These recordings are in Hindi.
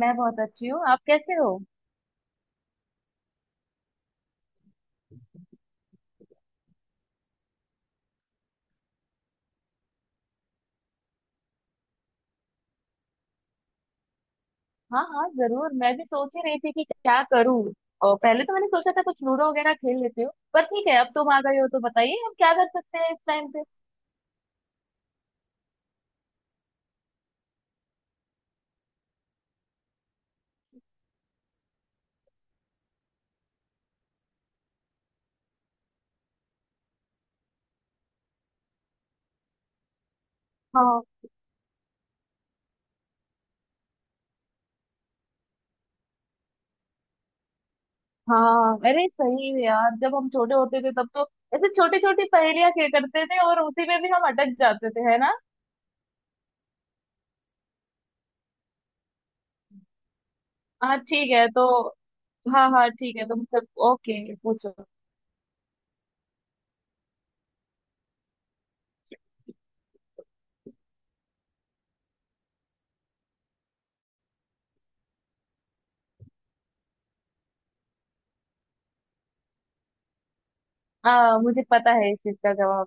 मैं बहुत अच्छी हूँ। आप कैसे हो? हाँ हाँ, जरूर। मैं भी सोच ही रही थी कि क्या करूँ। और पहले तो मैंने सोचा था कुछ लूडो वगैरह खेल लेती हूँ, पर ठीक है, अब तुम आ गए हो तो बताइए हम क्या कर सकते हैं इस टाइम पे। हाँ हाँ, अरे सही है यार, जब हम छोटे होते थे तब तो ऐसे छोटी छोटी पहेलियां खेल करते थे और उसी में भी हम अटक जाते थे, है ना। हाँ ठीक है तो। हाँ हाँ ठीक है, तुम सब ओके पूछो। हाँ, मुझे पता है इस चीज का जवाब।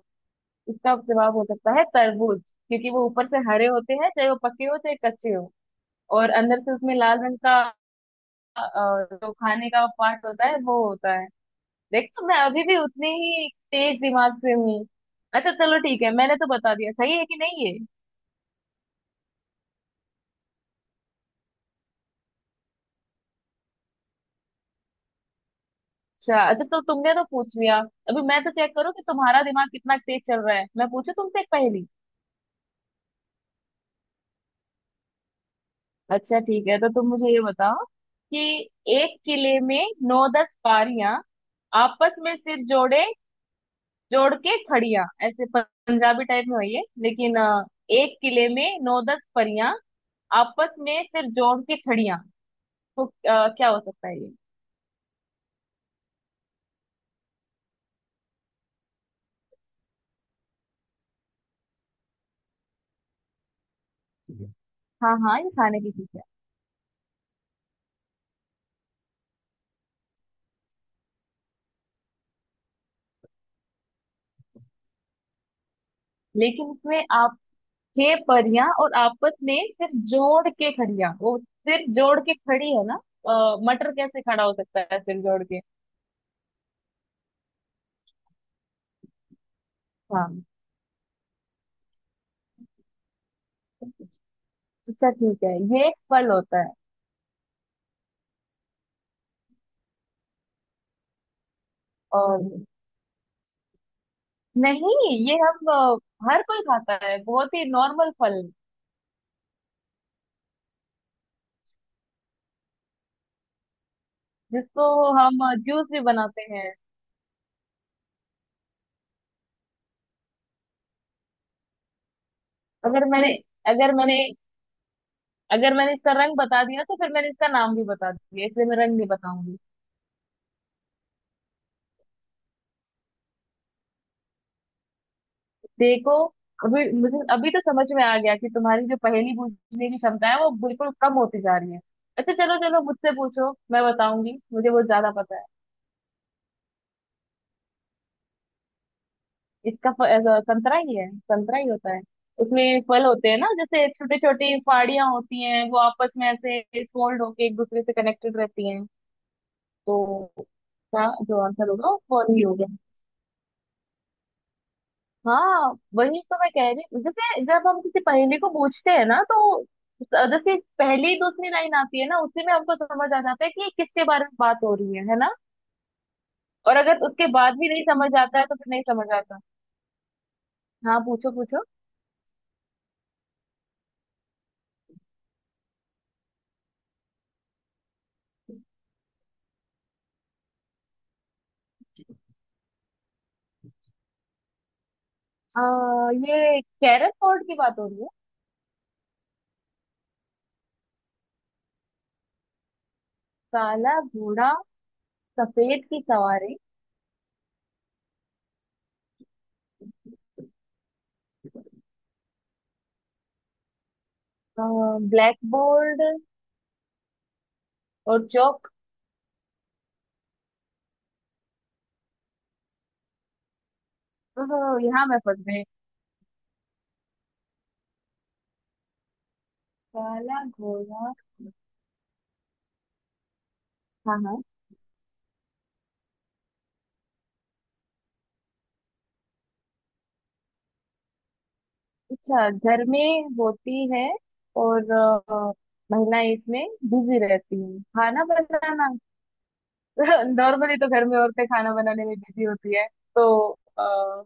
इसका जवाब हो सकता है तरबूज, क्योंकि वो ऊपर से हरे होते हैं चाहे वो पके हो चाहे कच्चे हो। और अंदर से उसमें लाल रंग का जो खाने का पार्ट होता है वो होता है। देखो, मैं अभी भी उतनी ही तेज दिमाग से हूँ। अच्छा चलो, ठीक है मैंने तो बता दिया, सही है कि नहीं है? अच्छा अच्छा, तो तुमने तो पूछ लिया। अभी मैं तो चेक करूँ कि तुम्हारा दिमाग कितना तेज चल रहा है, मैं पूछू तुमसे एक पहेली। अच्छा ठीक है, तो तुम मुझे ये बताओ कि एक किले में नौ दस बारियां, आपस में सिर जोड़े जोड़ के खड़ियां, ऐसे पंजाबी टाइप में हुई है लेकिन एक किले में नौ दस परियां आपस में फिर जोड़ के खड़ियां, तो क्या हो सकता है ये? हाँ हाँ, ये खाने की चीज है। लेकिन इसमें आप छह परियां और आपस में फिर जोड़ के खड़ियां, वो सिर जोड़ के खड़ी है ना। मटर कैसे खड़ा हो सकता है सिर जोड़ के? हाँ अच्छा ठीक है, ये एक फल होता है। और नहीं, ये हम हर कोई खाता है, बहुत ही नॉर्मल फल जिसको हम जूस भी बनाते हैं। अगर मैंने अगर मैंने अगर मैंने इसका रंग बता दिया तो फिर मैंने इसका नाम भी बता दिया, इसलिए मैं रंग नहीं बताऊंगी। देखो, अभी मुझे अभी तो समझ में आ गया कि तुम्हारी जो पहेली पूछने की क्षमता है वो बिल्कुल कम होती जा रही है। अच्छा, चलो चलो मुझसे पूछो, मैं बताऊंगी, मुझे बहुत ज्यादा पता है। ऐसा संतरा ही है, संतरा ही होता है। उसमें फल होते हैं ना, जैसे छोटी छोटी फाड़ियां होती हैं, वो आपस में ऐसे फोल्ड होके एक दूसरे से कनेक्टेड रहती हैं। तो इसका जो आंसर होगा वो फल ही होगा। हाँ, वही तो मैं कह रही हूँ, जैसे जब हम किसी पहेली को पूछते हैं ना, तो जैसे पहली दूसरी लाइन आती है ना, उसी में हमको समझ आ जाता है कि ये किसके बारे में बात हो रही है ना। और अगर उसके बाद भी नहीं समझ आता है तो फिर नहीं समझ आता। हाँ पूछो पूछो। ये कैरम बोर्ड की बात हो रही है? काला घोड़ा, सफेद की सवारी? ब्लैक बोर्ड और चौक? अ, यहाँ मैं फंस गई। काला घोड़ा। हाँ हाँ। अच्छा, घर में होती है और महिलाएं इसमें बिजी रहती हैं, खाना बनाना। नॉर्मली तो घर में औरतें खाना बनाने में बिजी होती है। तो अ,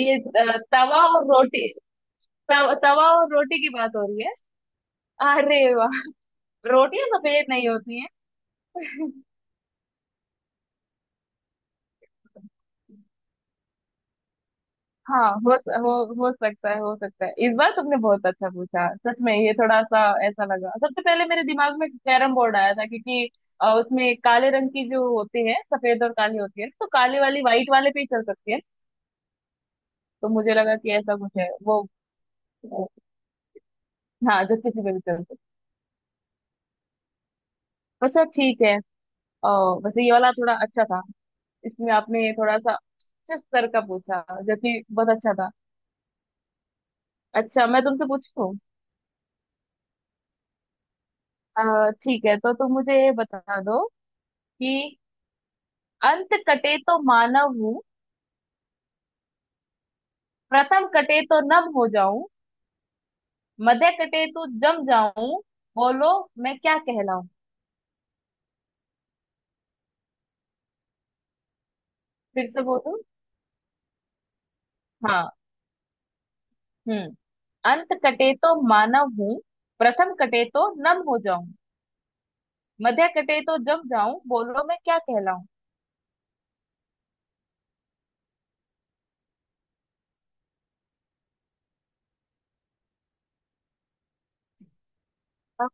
ये तवा और रोटी, तवा और रोटी की बात हो रही है। अरे वाह, रोटियां सफेद नहीं होती हैं। हाँ, हो सकता है, हो सकता है। इस बार तुमने बहुत अच्छा पूछा, सच में ये थोड़ा सा ऐसा लगा, सबसे पहले मेरे दिमाग में कैरम बोर्ड आया था क्योंकि उसमें काले रंग की जो होती है, सफेद और काली होती है, तो काले वाली व्हाइट वाले पे ही चल सकती है। तो मुझे लगा कि ऐसा कुछ है वो, हाँ, जो किसी पे भी चल सकती है। अच्छा ठीक है, अ, वैसे ये वाला थोड़ा अच्छा था। इसमें आपने थोड़ा सा अच्छे स्तर का पूछा, जो कि बहुत अच्छा था। अच्छा मैं तुमसे पूछूं। ठीक है तो तुम मुझे ये बता दो कि अंत कटे तो मानव हूँ, प्रथम कटे तो नभ हो जाऊं, मध्य कटे तो जम जाऊं, बोलो मैं क्या कहलाऊं? फिर से बोलो। हाँ हम्म। अंत कटे तो मानव हूँ, प्रथम कटे तो नभ हो जाऊं, मध्य कटे तो जम जाऊं, बोलो मैं क्या कहलाऊं? अब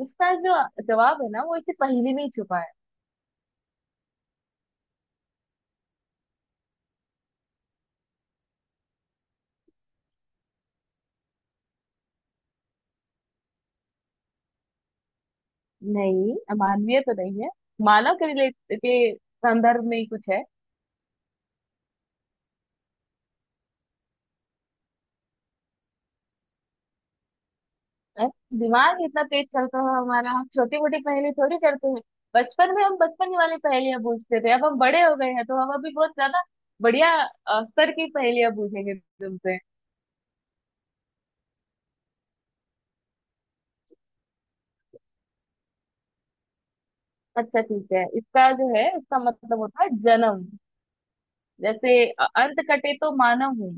इसका जो जवाब है ना, वो इसी पहेली में ही छुपा है। नहीं, मानवीय तो नहीं है, मानव के रिलेट के संदर्भ में ही कुछ है। है? दिमाग इतना तेज चलता है हमारा, हम छोटी मोटी पहेली थोड़ी करते हैं। बचपन में हम बचपन ही वाली पहेलियां बूझते थे, अब हम बड़े हो गए हैं तो हम अभी बहुत ज्यादा बढ़िया स्तर की पहेलियां बूझेंगे तुमसे। अच्छा ठीक है, इसका जो है इसका मतलब होता है जन्म। जैसे अंत कटे तो मानव हूँ,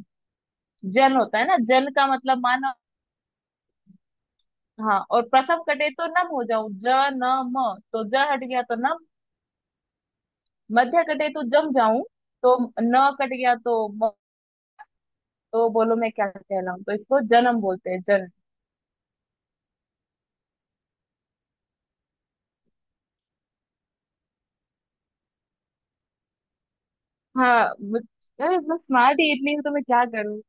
जन होता है ना, जन का मतलब मानव। हाँ, और प्रथम कटे तो नम हो जाऊं, ज न म, तो ज हट गया तो नम। मध्य कटे तो जम जाऊं, तो न कट गया तो म। तो बोलो मैं क्या कहलाऊं, तो इसको जन्म बोलते हैं, जन्म। हाँ, अरे मैं स्मार्ट ही इतनी हूँ, तो मैं क्या करूँ।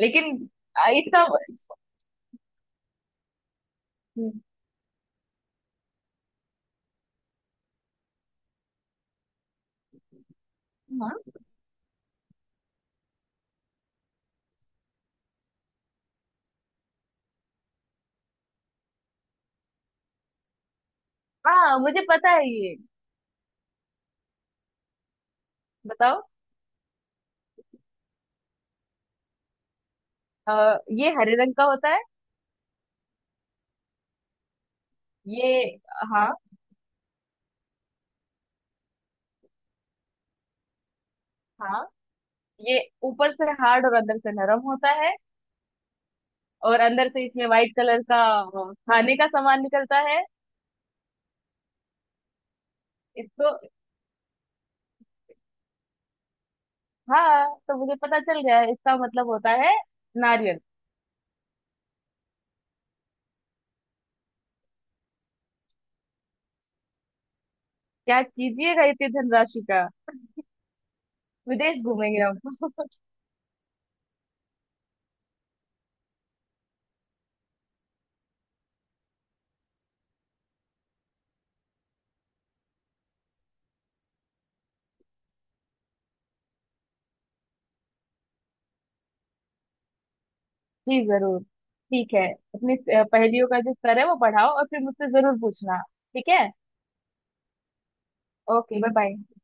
लेकिन इसका हम्म, हाँ हाँ, मुझे पता है ये। बताओ, ये हरे रंग का होता है ये। हाँ हाँ, ये ऊपर से हार्ड और अंदर से नरम होता है। और अंदर से इसमें व्हाइट कलर का खाने का सामान निकलता है इसको। हाँ, तो मुझे पता चल गया है, इसका मतलब होता है नारियल। क्या कीजिएगा इतनी धनराशि का? विदेश घूमेंगे हम। जी जरूर, ठीक है। अपनी पहेलियों का जो स्तर है वो बढ़ाओ और फिर मुझसे जरूर पूछना। ठीक है, ओके बाय बाय।